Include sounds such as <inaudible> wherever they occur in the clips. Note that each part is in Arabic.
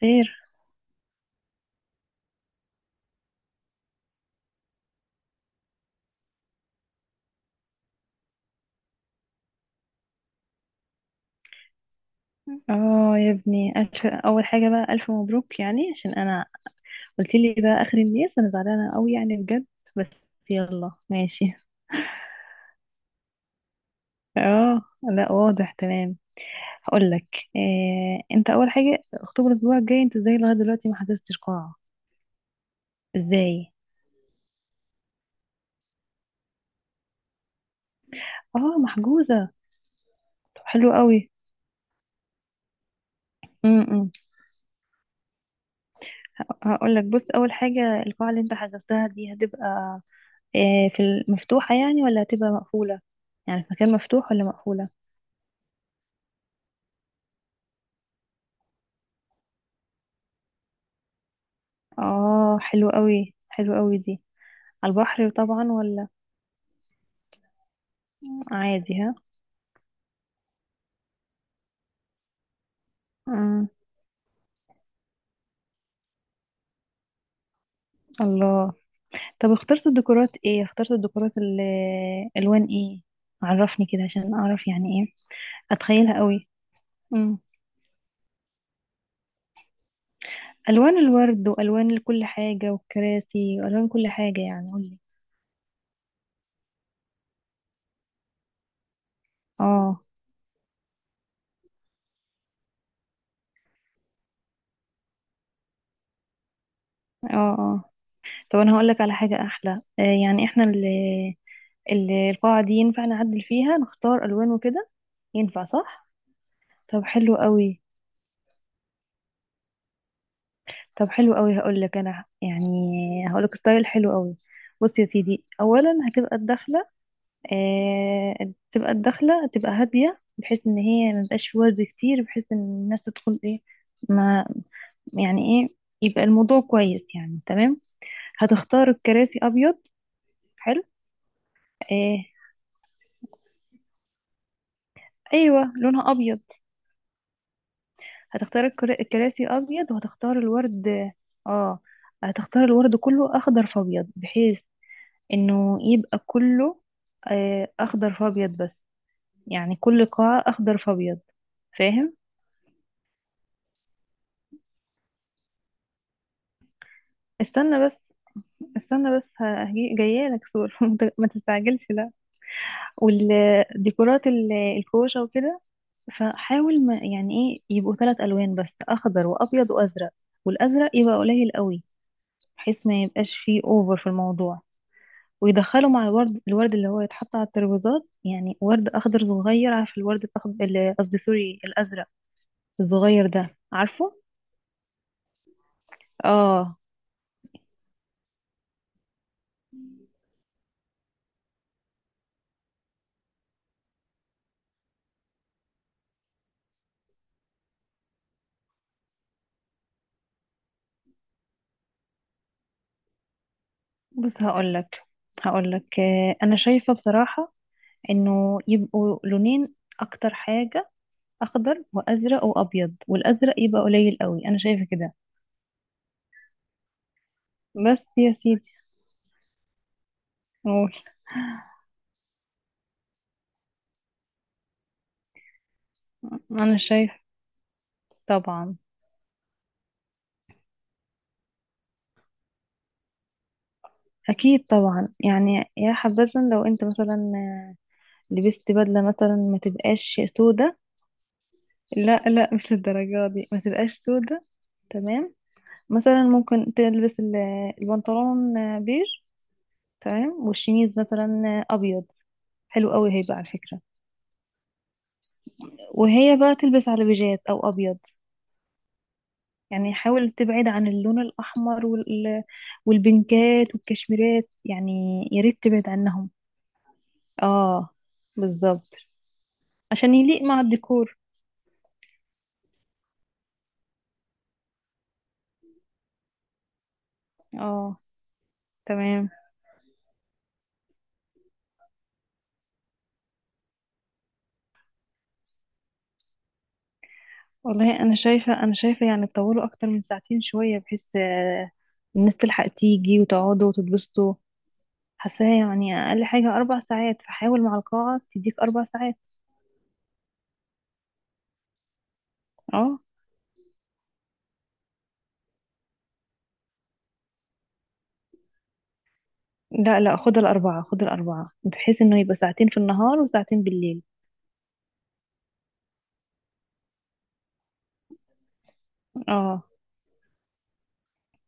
خير. اه يا ابني ألف، اول حاجه بقى الف مبروك، يعني عشان انا قلت لي ده اخر الناس، انا زعلانه قوي يعني بجد. بس يلا ماشي. <laughs> اه لا واضح تمام. هقول لك إيه، انت اول حاجه اكتوبر الاسبوع الجاي، انت ازاي لغايه دلوقتي ما حجزتش قاعه؟ ازاي؟ اه محجوزه؟ طب حلو قوي. امم هقول لك، بص اول حاجه، القاعه اللي انت حجزتها دي هتبقى إيه؟ في المفتوحه يعني ولا هتبقى مقفوله؟ يعني في مكان مفتوح ولا مقفوله؟ اه حلو قوي، حلو قوي دي. على البحر طبعا ولا عادي؟ ها. مم. الله. طب اخترت الديكورات ايه؟ اخترت الديكورات الوان ايه؟ عرفني كده عشان اعرف يعني ايه، اتخيلها قوي. مم. الوان الورد والوان كل حاجه والكراسي والوان كل حاجه، يعني قولي. اه. اه اه طب انا هقول لك على حاجه احلى. آه، يعني احنا القاعه دي ينفع نعدل فيها نختار الوان وكده؟ ينفع صح؟ طب حلو قوي. طب حلو قوي، هقول لك انا يعني، هقول لك ستايل حلو قوي. بص يا سيدي، اولا هتبقى الدخله، آه، تبقى الدخله تبقى هاديه، بحيث ان هي ما تبقاش في ورد كتير، بحيث ان الناس تدخل ايه، ما يعني ايه، يبقى الموضوع كويس يعني تمام. هتختار الكراسي ابيض. حلو. آه. ايوه لونها ابيض. هتختار الكراسي ابيض وهتختار الورد. اه، هتختار الورد كله اخضر فابيض، بحيث انه يبقى كله آه، اخضر فابيض بس، يعني كل قاعة اخضر فابيض، فاهم؟ استنى بس، استنى بس، جايه لك صور. <laughs> ما تستعجلش لا. والديكورات الكوشة وكده، فحاول ما يعني ايه، يبقوا ثلاث الوان بس، اخضر وابيض وازرق، والازرق يبقى قليل قوي، بحيث ما يبقاش فيه اوفر في الموضوع، ويدخلوا مع الورد، الورد اللي هو يتحط على الترابيزات، يعني ورد اخضر صغير، عارف الورد الاخضر، قصدي سوري، الازرق الصغير ده عارفه. اه بص هقولك، هقولك آه، انا شايفة بصراحة انه يبقوا لونين اكتر حاجة، اخضر وازرق وابيض، والازرق يبقى قليل قوي، انا شايفة كده. بس يا سيدي، قول. انا شايف طبعا، اكيد طبعا يعني، يا حبذا لو انت مثلا لبست بدلة مثلا ما تبقاش سودة. لا لا، مش الدرجة دي، ما تبقاش سودة، تمام. مثلا ممكن تلبس البنطلون بيج، تمام، والشميز مثلا ابيض، حلو قوي هيبقى على فكرة. وهي بقى تلبس على بيجات او ابيض. يعني حاول تبعد عن اللون الاحمر والبنكات والكشميرات يعني، يا ريت تبعد عنهم. اه، بالظبط، عشان يليق مع الديكور. اه تمام. والله انا شايفة، انا شايفة يعني تطولوا اكتر من ساعتين شوية، بحيث آه، الناس تلحق تيجي وتقعدوا وتتبسطوا، حاساها يعني اقل حاجة اربع ساعات، فحاول مع القاعة تديك اربع ساعات. اه لا لا، خد الأربعة، خد الأربعة، بحيث إنه يبقى ساعتين في النهار وساعتين بالليل. اه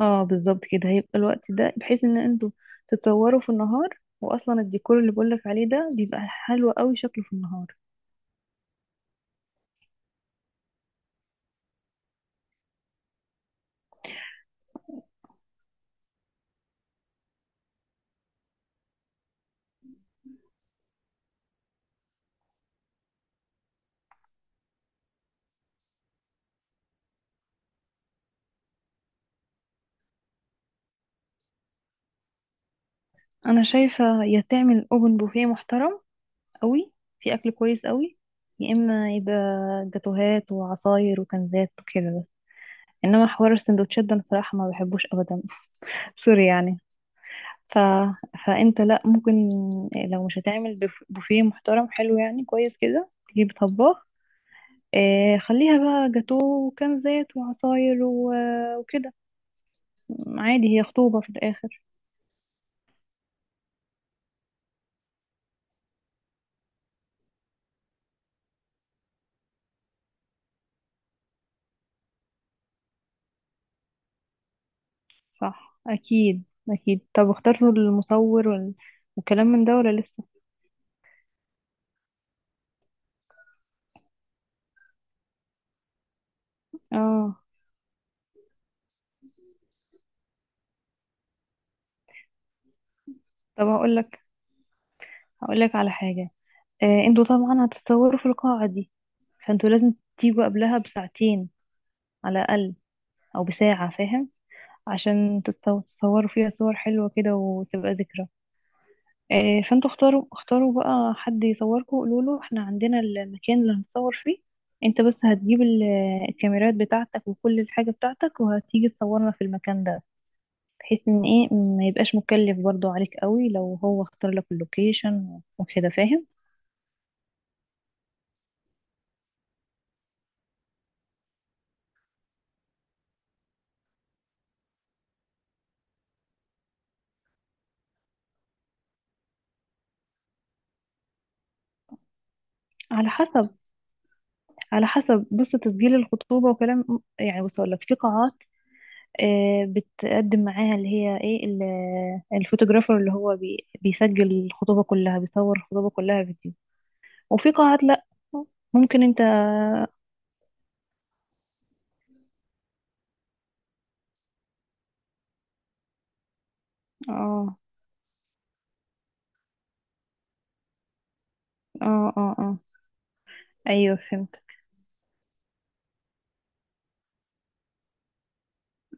اه بالظبط، كده هيبقى الوقت ده، بحيث إن انتوا تتصوروا في النهار، وأصلا الديكور اللي بقولك عليه ده بيبقى حلو قوي شكله في النهار. أنا شايفة يا تعمل أوبن بوفيه محترم قوي، في أكل كويس قوي، يا إما يبقى جاتوهات وعصاير وكنزات وكده بس، إنما حوار السندوتشات ده أنا صراحة ما بحبوش أبدا. <laughs> سوري يعني. ف... فانت لا، ممكن لو مش هتعمل بوفيه محترم حلو يعني كويس كده، تجيب طباخ. آه، خليها بقى جاتو وكنزات وعصاير وكده عادي، هي خطوبة في الآخر. صح أكيد، أكيد. طب اخترتوا المصور والكلام من ده ولا لسه؟ اه طب هقولك، هقولك على حاجة، آه انتوا طبعا هتتصوروا في القاعة دي، فانتوا لازم تيجوا قبلها بساعتين على الأقل، أو بساعة فاهم؟ عشان تتصوروا فيها صور حلوة كده وتبقى ذكرى. آه، فانتوا اختاروا، اختاروا بقى حد يصوركم، قولوا له احنا عندنا المكان اللي هنصور فيه، انت بس هتجيب الكاميرات بتاعتك وكل الحاجة بتاعتك وهتيجي تصورنا في المكان ده، بحيث ان ايه ما يبقاش مكلف برضو عليك قوي، لو هو اختار لك اللوكيشن وكده فاهم. على حسب، على حسب. بص تسجيل الخطوبة وكلام، يعني بص اقول لك، في قاعات آه، بتقدم معاها اللي هي ايه الفوتوغرافر اللي هو بيسجل الخطوبة كلها، بيصور الخطوبة كلها فيديو، وفي قاعات لا، ممكن انت. اه اه، ايوه فهمت،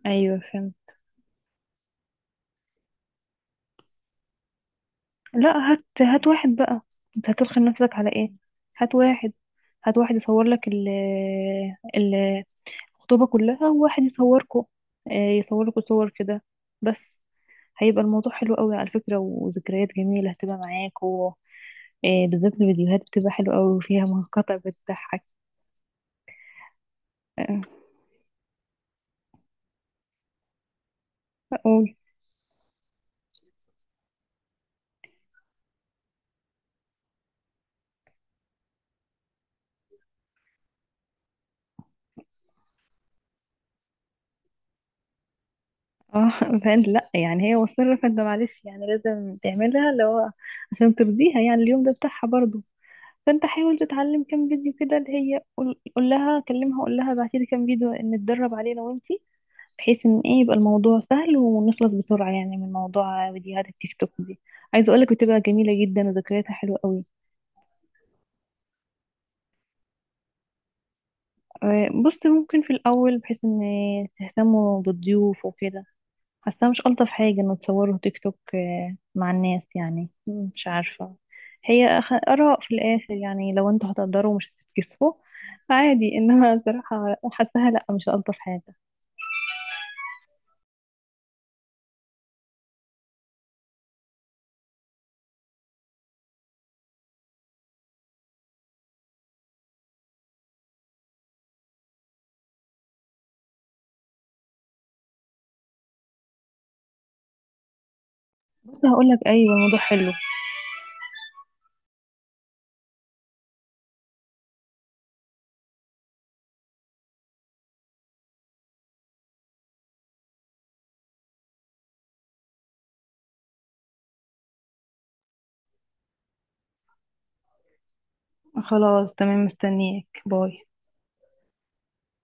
ايوه فهمت. لا هات، هات واحد بقى، انت هترخي نفسك على ايه؟ هات واحد، هات واحد يصور لك ال- الخطوبة كلها، وواحد يصوركوا آه، يصور لكوا صور كده بس، هيبقى الموضوع حلو قوي على فكرة، وذكريات جميلة هتبقى معاك، إيه بالذات الفيديوهات بتبقى حلوة أوي وفيها مقاطع بتضحك. آه، فأقول اه، فانت لا يعني هي مصرة، فانت معلش يعني لازم تعملها، اللي هو عشان ترضيها، يعني اليوم ده بتاعها برضه، فانت حاول تتعلم كام فيديو كده، اللي هي قول، قول لها كلمها قول لها بعتي لي كام فيديو نتدرب عليه انا وانتي، بحيث ان ايه يبقى الموضوع سهل ونخلص بسرعة يعني من موضوع فيديوهات التيك توك دي، عايزة اقولك بتبقى جميلة جدا وذكرياتها حلوة قوي. آه، بص ممكن في الاول، بحيث ان تهتموا بالضيوف وكده، حاسة مش ألطف حاجة إنه تصوره تيك توك آه، مع الناس يعني، مم، مش عارفة، هي آراء في الآخر يعني، لو انتوا هتقدروا مش هتتكسفوا عادي، إنما صراحة حاساها لأ مش ألطف حاجة. بس هقولك أيوة الموضوع حلو. خلاص تمام، مستنياك، باي.